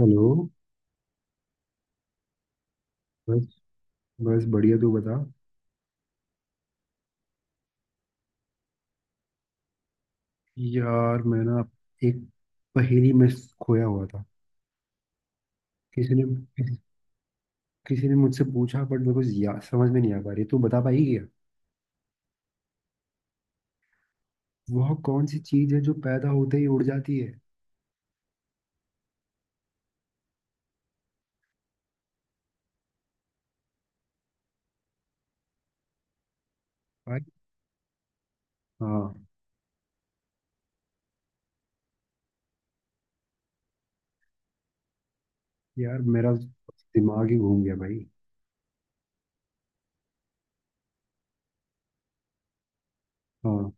Hello. बस बस बढ़िया, तू बता। यार मैं ना, एक पहेली में खोया हुआ था। किसी ने किस, किसी ने मुझसे पूछा, बट मेरे को समझ में नहीं आ पा रही। तू बता पाई क्या वह कौन सी चीज है जो पैदा होते ही उड़ जाती है? भाई हाँ। यार मेरा दिमाग ही घूम गया भाई। हाँ।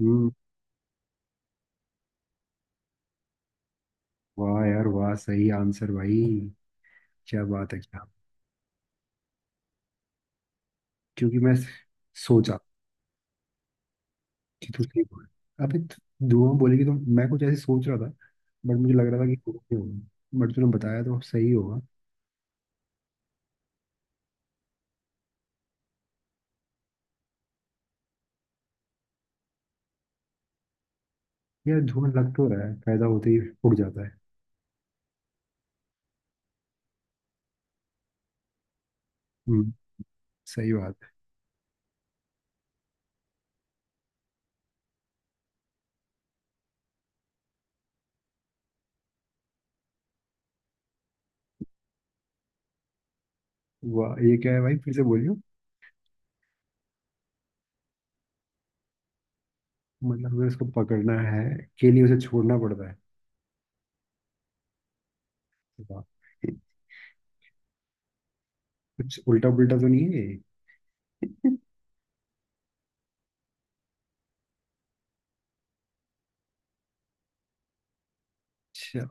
हम्म। वाह यार वाह, सही आंसर भाई। क्या बात है क्या। क्योंकि मैं सोचा कि तू सेफ हो। अबे तो दुआ बोलेगी तो मैं कुछ ऐसे सोच रहा था। बट मुझे लग रहा था कि कुछ नहीं होगा, बट तूने बताया तो सही होगा। यार धुआं लग तो रहा है, पैदा होते ही उड़ जाता है। हम्म। सही बात है। वाह ये क्या है भाई, फिर से बोलियो। मतलब हमें उसको पकड़ना है, के लिए उसे छोड़ना पड़ता है। वाह। कुछ उल्टा पुल्टा तो नहीं है ये? अच्छा।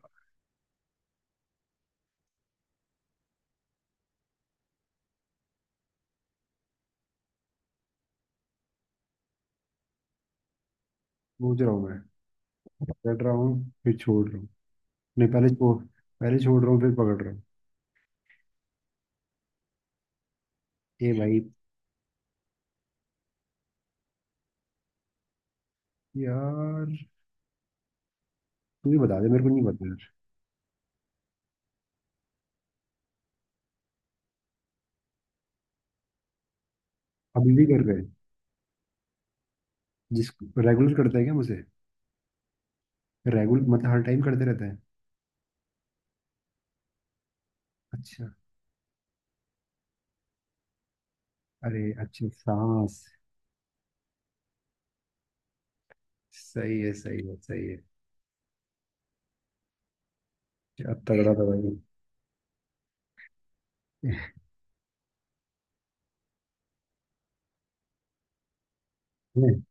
सोच रहा हूँ मैं। पकड़ रहा हूँ फिर छोड़ रहा हूँ। नहीं, पहले छोड़। पहले छोड़ रहा हूँ फिर पकड़ रहा हूँ। ए भाई, यार तू ही बता दे, मेरे को नहीं पता यार। अभी भी कर रहे हैं? जिस रेगुलर करता है क्या मुझे? रेगुलर मतलब हर टाइम करते रहता है। अच्छा। अरे अच्छा, सांस। सही है, सही है, सही है। क्या तगड़ा था भाई। हम्म,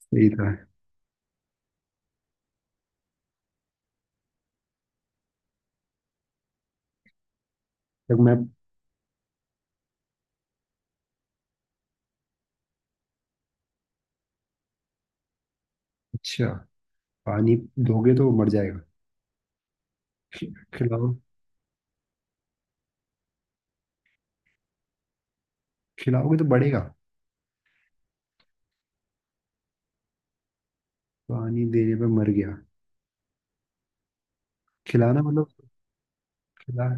सही था। जब मैं। अच्छा। पानी दोगे तो वो मर जाएगा। खिलाओ। खिलाओगे तो बढ़ेगा। पानी देने पे मर गया। खिलाना मतलब। खिला।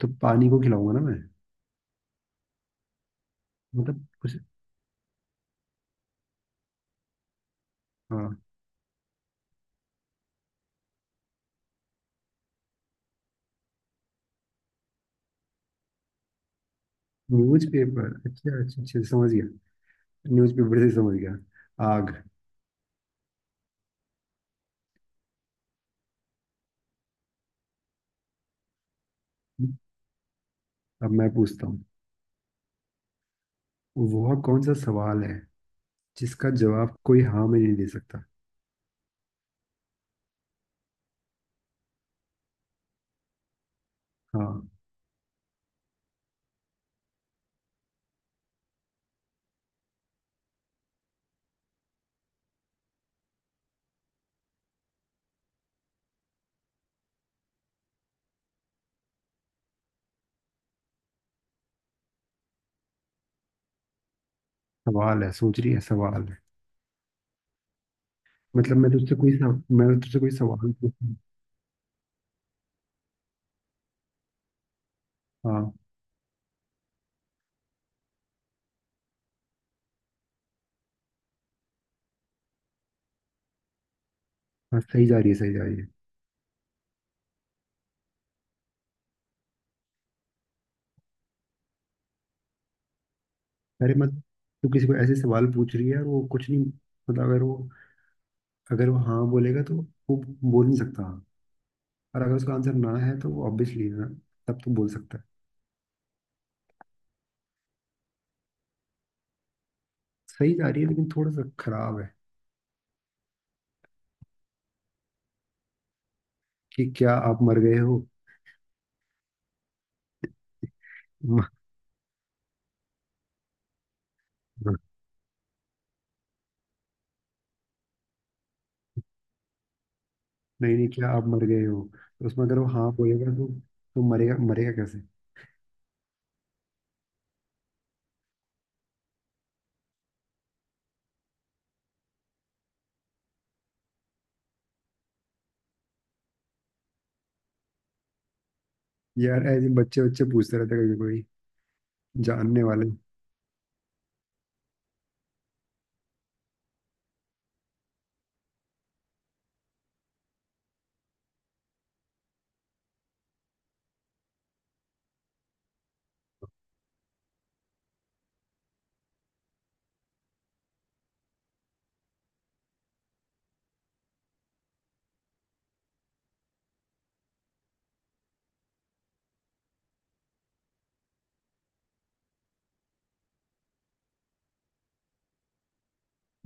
तो पानी को खिलाऊंगा ना मैं। मतलब कुछ। हाँ। न्यूज पेपर, अच्छा अच्छा अच्छा समझ गया। न्यूज पेपर से समझ गया। आग। अब मैं पूछता हूँ, वह कौन सा सवाल है जिसका जवाब कोई हाँ में नहीं दे सकता। हाँ। सवाल है, सोच रही है सवाल है। मतलब मैं तुझसे मैं तुझसे कोई सवाल पूछूं। हाँ, हाँ सही जा रही है, सही जा रही है। अरे मत। तू किसी को ऐसे सवाल पूछ रही है और वो कुछ नहीं। मतलब अगर वो, अगर वो हाँ बोलेगा तो वो बोल नहीं सकता हाँ। और अगर उसका आंसर ना है तो वो ऑब्वियसली ना तब तो बोल सकता है। सही जा रही है लेकिन थोड़ा सा खराब है। कि क्या आप मर गए हो। नहीं नहीं, क्या आप मर गए हो तो उसमें अगर वो हाँ बोलेगा तो मरेगा, मरेगा कैसे। यार ऐसे बच्चे बच्चे पूछते रहते हैं, कभी कोई जानने वाले।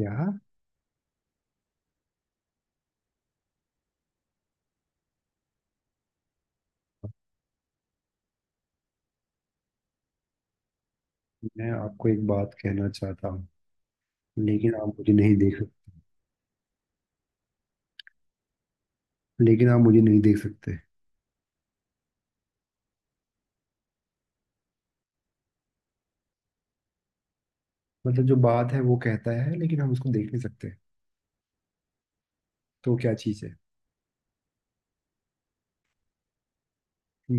यार मैं आपको एक बात कहना चाहता हूँ लेकिन आप मुझे नहीं देख लेकिन आप मुझे नहीं देख सकते। मतलब जो बात है वो कहता है लेकिन हम उसको देख नहीं सकते, तो वो क्या चीज़ है।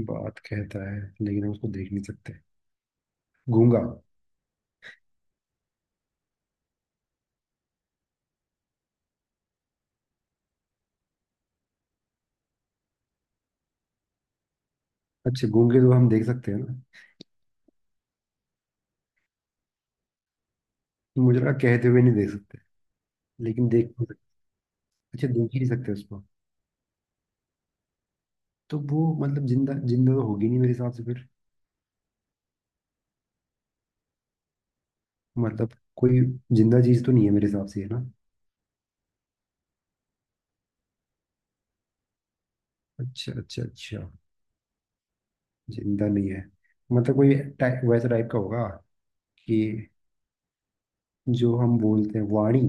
बात कहता है लेकिन हम उसको देख नहीं सकते। गूंगा। अच्छा गूंगे तो हम देख सकते हैं ना, तो मुझे लगा कहते हुए नहीं देख सकते। लेकिन देख नहीं सकते। अच्छा देख ही नहीं सकते उसको। तो वो मतलब जिंदा जिंदा तो होगी नहीं मेरे हिसाब से फिर। मतलब कोई जिंदा चीज तो नहीं है मेरे हिसाब से, है ना। अच्छा अच्छा अच्छा। जिंदा नहीं है। मतलब कोई टाइप, वैसा टाइप का होगा कि जो हम बोलते हैं, वाणी।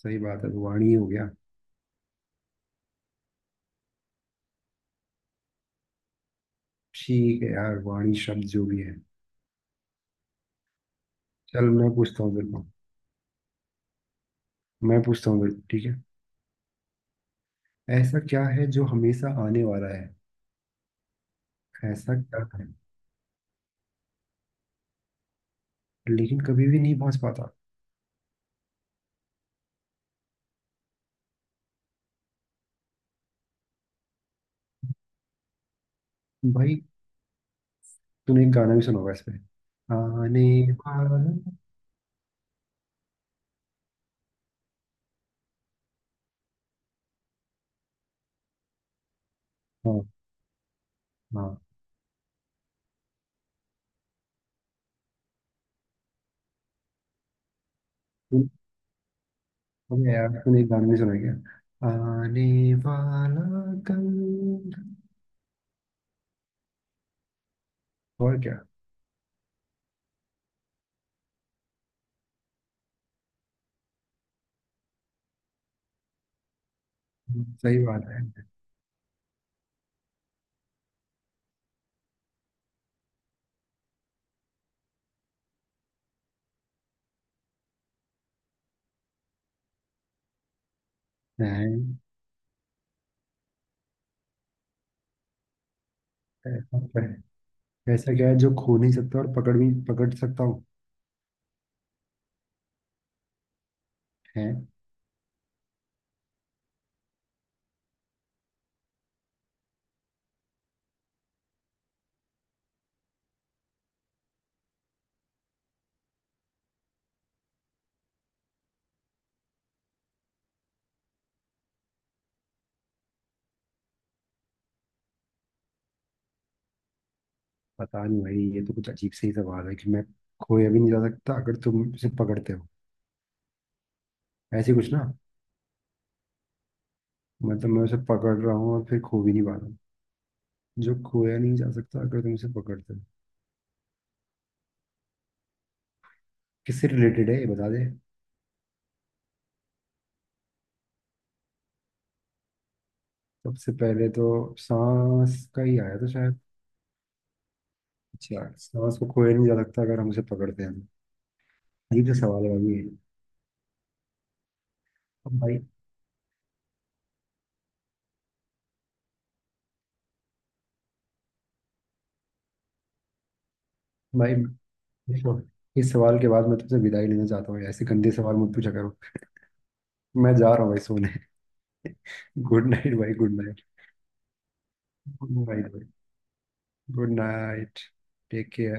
सही बात है, वाणी हो गया। ठीक है यार, वाणी शब्द जो भी है। चल मैं पूछता हूँ तेरे को। मैं पूछता हूँ तेरे को, ठीक है। ऐसा क्या है जो हमेशा आने वाला है? ऐसा क्या है लेकिन कभी भी नहीं पहुंच पाता? भाई तूने एक गाना भी सुना होगा इस पे। आने वाला। हाँ हाँ। तू- अबे यार तूने एक गाना भी सुना है क्या। आने वाला कल। और क्या। सही बात है। है। ऐसा क्या है? ऐसा क्या है जो खो नहीं सकता और पकड़ सकता हूँ? है। पता नहीं भाई ये तो कुछ अजीब से ही सवाल है कि मैं। खोया भी नहीं जा सकता अगर तुम उसे पकड़ते हो, ऐसे कुछ ना। मतलब मैं उसे पकड़ रहा हूँ और फिर खो भी नहीं पा रहा हूँ। जो खोया नहीं जा सकता अगर तुम उसे पकड़ते हो। किससे रिलेटेड है ये बता दे। सबसे पहले तो सांस का ही आया था शायद। अच्छा सांस को खोया नहीं जा सकता अगर हम उसे पकड़ते हैं। अजीब सा सवाल है भाई ये। अब भाई, भाई देखो, इस सवाल के बाद मैं तुमसे विदाई लेना चाहता हूँ। ऐसे गंदे सवाल मत पूछा करो। मैं जा रहा हूँ भाई सोने। गुड नाइट भाई, गुड नाइट। गुड नाइट भाई, गुड नाइट। Take care.